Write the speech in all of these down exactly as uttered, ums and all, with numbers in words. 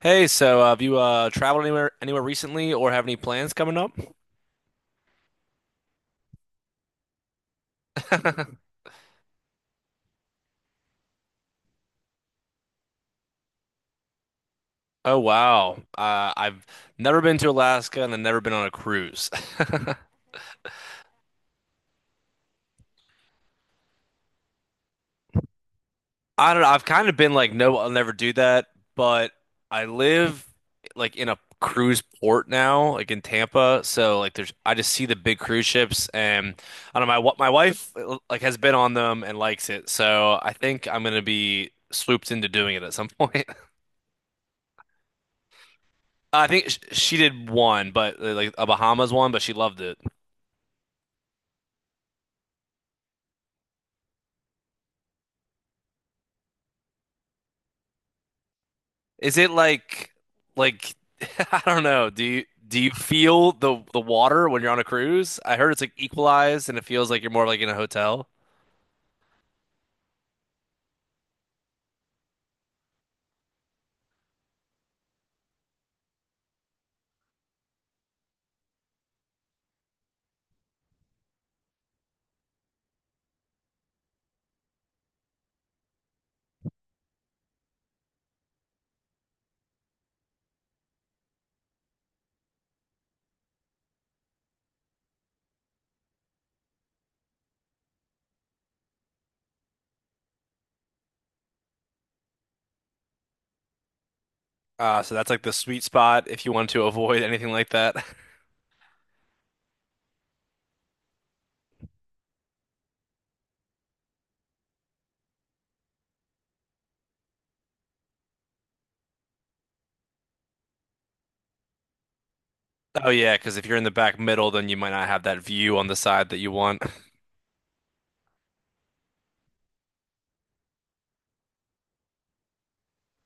Hey, so uh, have you uh, traveled anywhere anywhere recently, or have any plans coming up? Oh wow, uh, I've never been to Alaska and I've never been on a cruise. I don't know. I've kind of been like, no, I'll never do that. But I live like in a cruise port now, like in Tampa. So like, there's I just see the big cruise ships, and I don't know. My wa- my wife like has been on them and likes it. So I think I'm gonna be swooped into doing it at some point. I think sh- she did one, but uh, like a Bahamas one, but she loved it. Is it like like I don't know. Do you do you feel the the water when you're on a cruise? I heard it's like equalized and it feels like you're more like in a hotel. Uh, so that's like the sweet spot if you want to avoid anything like that. Oh yeah, because if you're in the back middle, then you might not have that view on the side that you want.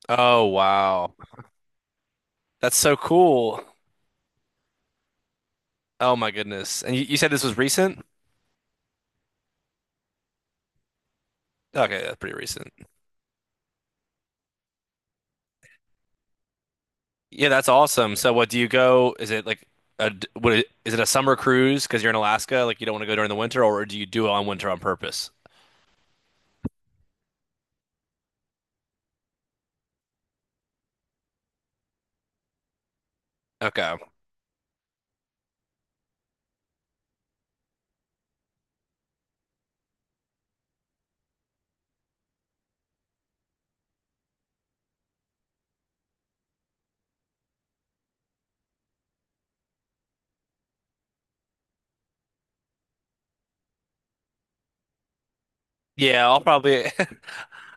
Oh wow, that's so cool. Oh my goodness. And you, you said this was recent? Okay, that's pretty recent. Yeah, that's awesome. So what do you go? Is it like a d- what I- Is it a summer cruise because you're in Alaska, like you don't want to go during the winter, or do you do it on winter on purpose? Okay. Yeah, I'll probably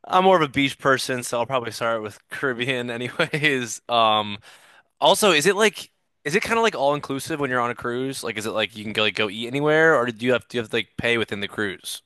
I'm more of a beach person, so I'll probably start with Caribbean anyways. Um also, is it like is it kind of like all inclusive when you're on a cruise? Like is it like you can go like go eat anywhere or do you have do you have to like pay within the cruise?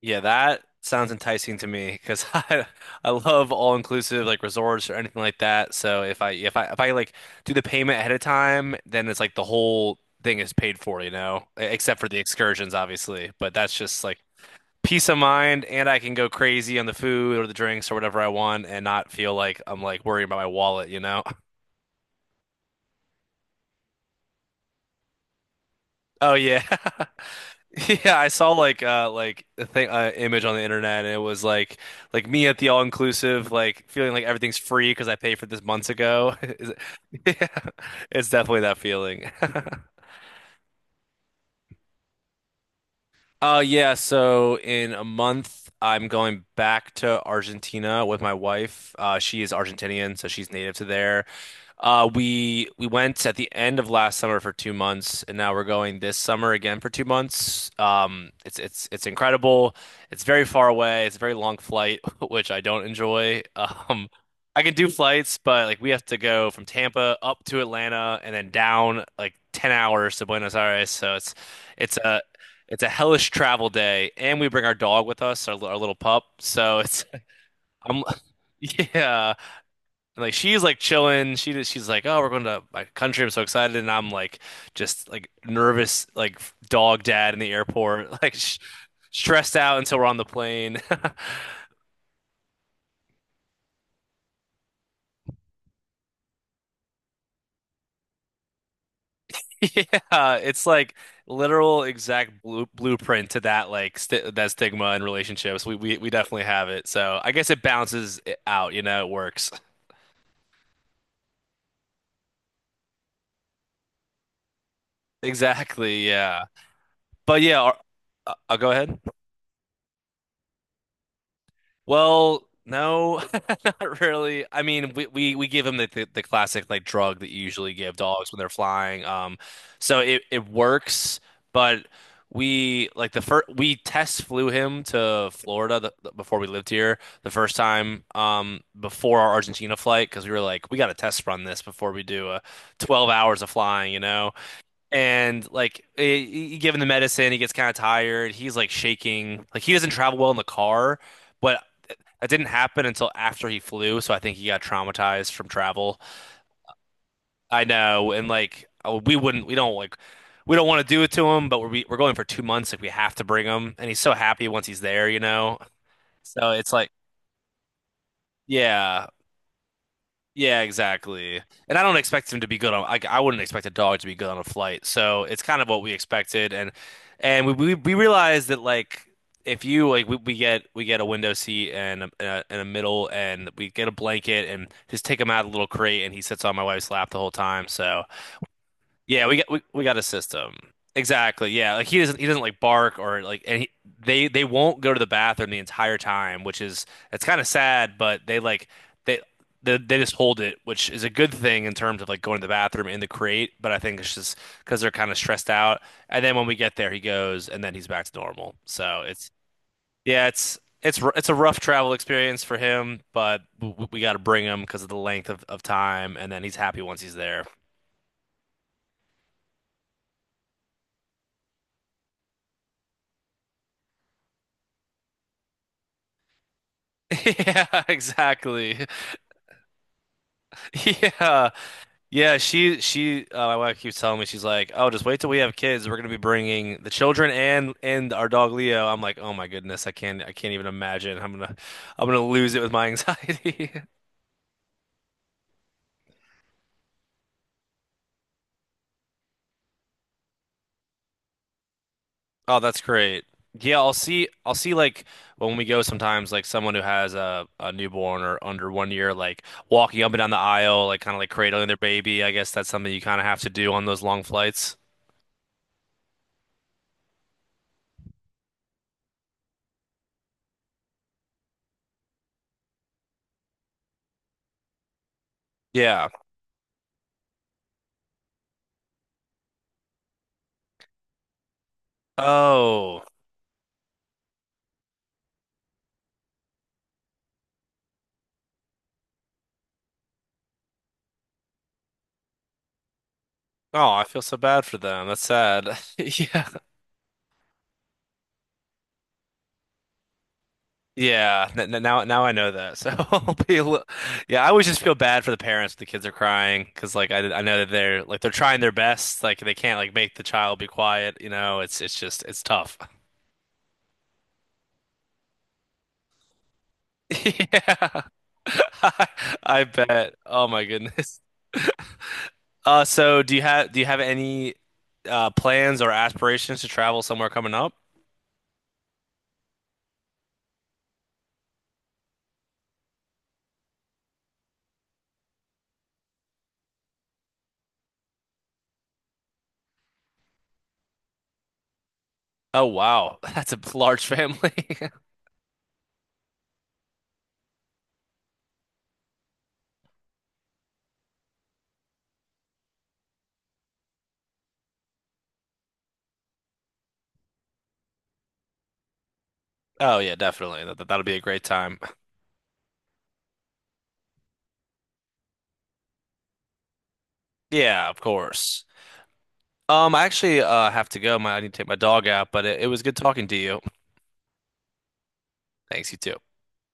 Yeah, that sounds enticing to me because I I love all-inclusive like resorts or anything like that. So if I if I if I like do the payment ahead of time, then it's like the whole thing is paid for, you know, E- except for the excursions, obviously. But that's just like peace of mind, and I can go crazy on the food or the drinks or whatever I want, and not feel like I'm like worrying about my wallet, you know? Oh yeah. Yeah, I saw like uh like a thing uh, image on the internet and it was like like me at the all inclusive like feeling like everything's free because I paid for this months ago. Is it- Yeah, it's definitely that feeling. Uh, yeah, so in a month, I'm going back to Argentina with my wife. Uh, she is Argentinian, so she's native to there. Uh, we we went at the end of last summer for two months, and now we're going this summer again for two months. Um, it's it's it's incredible. It's very far away. It's a very long flight, which I don't enjoy. Um, I can do flights, but like we have to go from Tampa up to Atlanta and then down like ten hours to Buenos Aires, so it's it's a it's a hellish travel day, and we bring our dog with us, our, our little pup. So it's I'm yeah, and like she's like chilling. She just- she's like, oh, we're going to my country. I'm so excited, and I'm like just like nervous, like dog dad in the airport, like sh stressed out until we're on the plane. Yeah, it's like literal exact blue blueprint to that like st that stigma in relationships. We we we definitely have it. So I guess it balances it out, you know, it works. Exactly, yeah. But yeah, are- I- I'll go ahead. Well, no, not really. I mean, we, we, we give them the, the the classic like drug that you usually give dogs when they're flying. Um, so it, it works, but we like the first we test flew him to Florida the, the- before we lived here the first time um before our Argentina flight because we were like we got to test run this before we do uh twelve hours of flying, you know. And like eh, he, given the medicine, he gets kind of tired. He's like shaking. Like he doesn't travel well in the car, but that didn't happen until after he flew. So I think he got traumatized from travel. I know. And like oh, we wouldn't, we don't like, we don't want to do it to him, but we're we're going for two months. Like we have to bring him, and he's so happy once he's there, you know. So it's like, yeah. Yeah, exactly. And I don't expect him to be good on I, I wouldn't expect a dog to be good on a flight. So it's kind of what we expected and and we we, we realized that like if you like we, we get we get a window seat and a, and a and a middle and we get a blanket and just take him out of the little crate and he sits on my wife's lap the whole time. So yeah, we got we, we got a system. Exactly. Yeah, like he doesn't he doesn't like bark or like and he, they they won't go to the bathroom the entire time, which is it's kind of sad, but they like they, they they just hold it, which is a good thing in terms of like going to the bathroom in the crate, but I think it's just because they're kind of stressed out. And then when we get there, he goes and then he's back to normal. So it's yeah, it's it's r- it's a rough travel experience for him, but we, we got to bring him because of the length of, of time, and then he's happy once he's there. Yeah, exactly. Yeah. Yeah, she she uh, my wife keeps telling me she's like, "Oh, just wait till we have kids. We're going to be bringing the children and and our dog Leo." I'm like, "Oh my goodness, I can't I can't even imagine. I'm gonna I'm gonna lose it with my anxiety." Oh, that's great. Yeah, I'll see I'll see like when we go sometimes like someone who has a a newborn or under one year like walking up and down the aisle like kind of like cradling their baby. I guess that's something you kind of have to do on those long flights. Yeah. Oh. Oh, I feel so bad for them. That's sad. Yeah. Yeah. N n- now, now I know that. So I'll be a li- yeah, I always just feel bad for the parents. If the kids are crying because, like, I, I know that they're like they're trying their best. Like, they can't like make the child be quiet. You know, it's it's just it's tough. Yeah. I I bet. Oh my goodness. Uh, so do you have do you have any uh plans or aspirations to travel somewhere coming up? Oh wow, that's a large family. Oh yeah, definitely. That, that'll be a great time. Yeah, of course. Um, I actually uh have to go. My, I need to take my dog out, but it, it was good talking to you. Thanks, you too.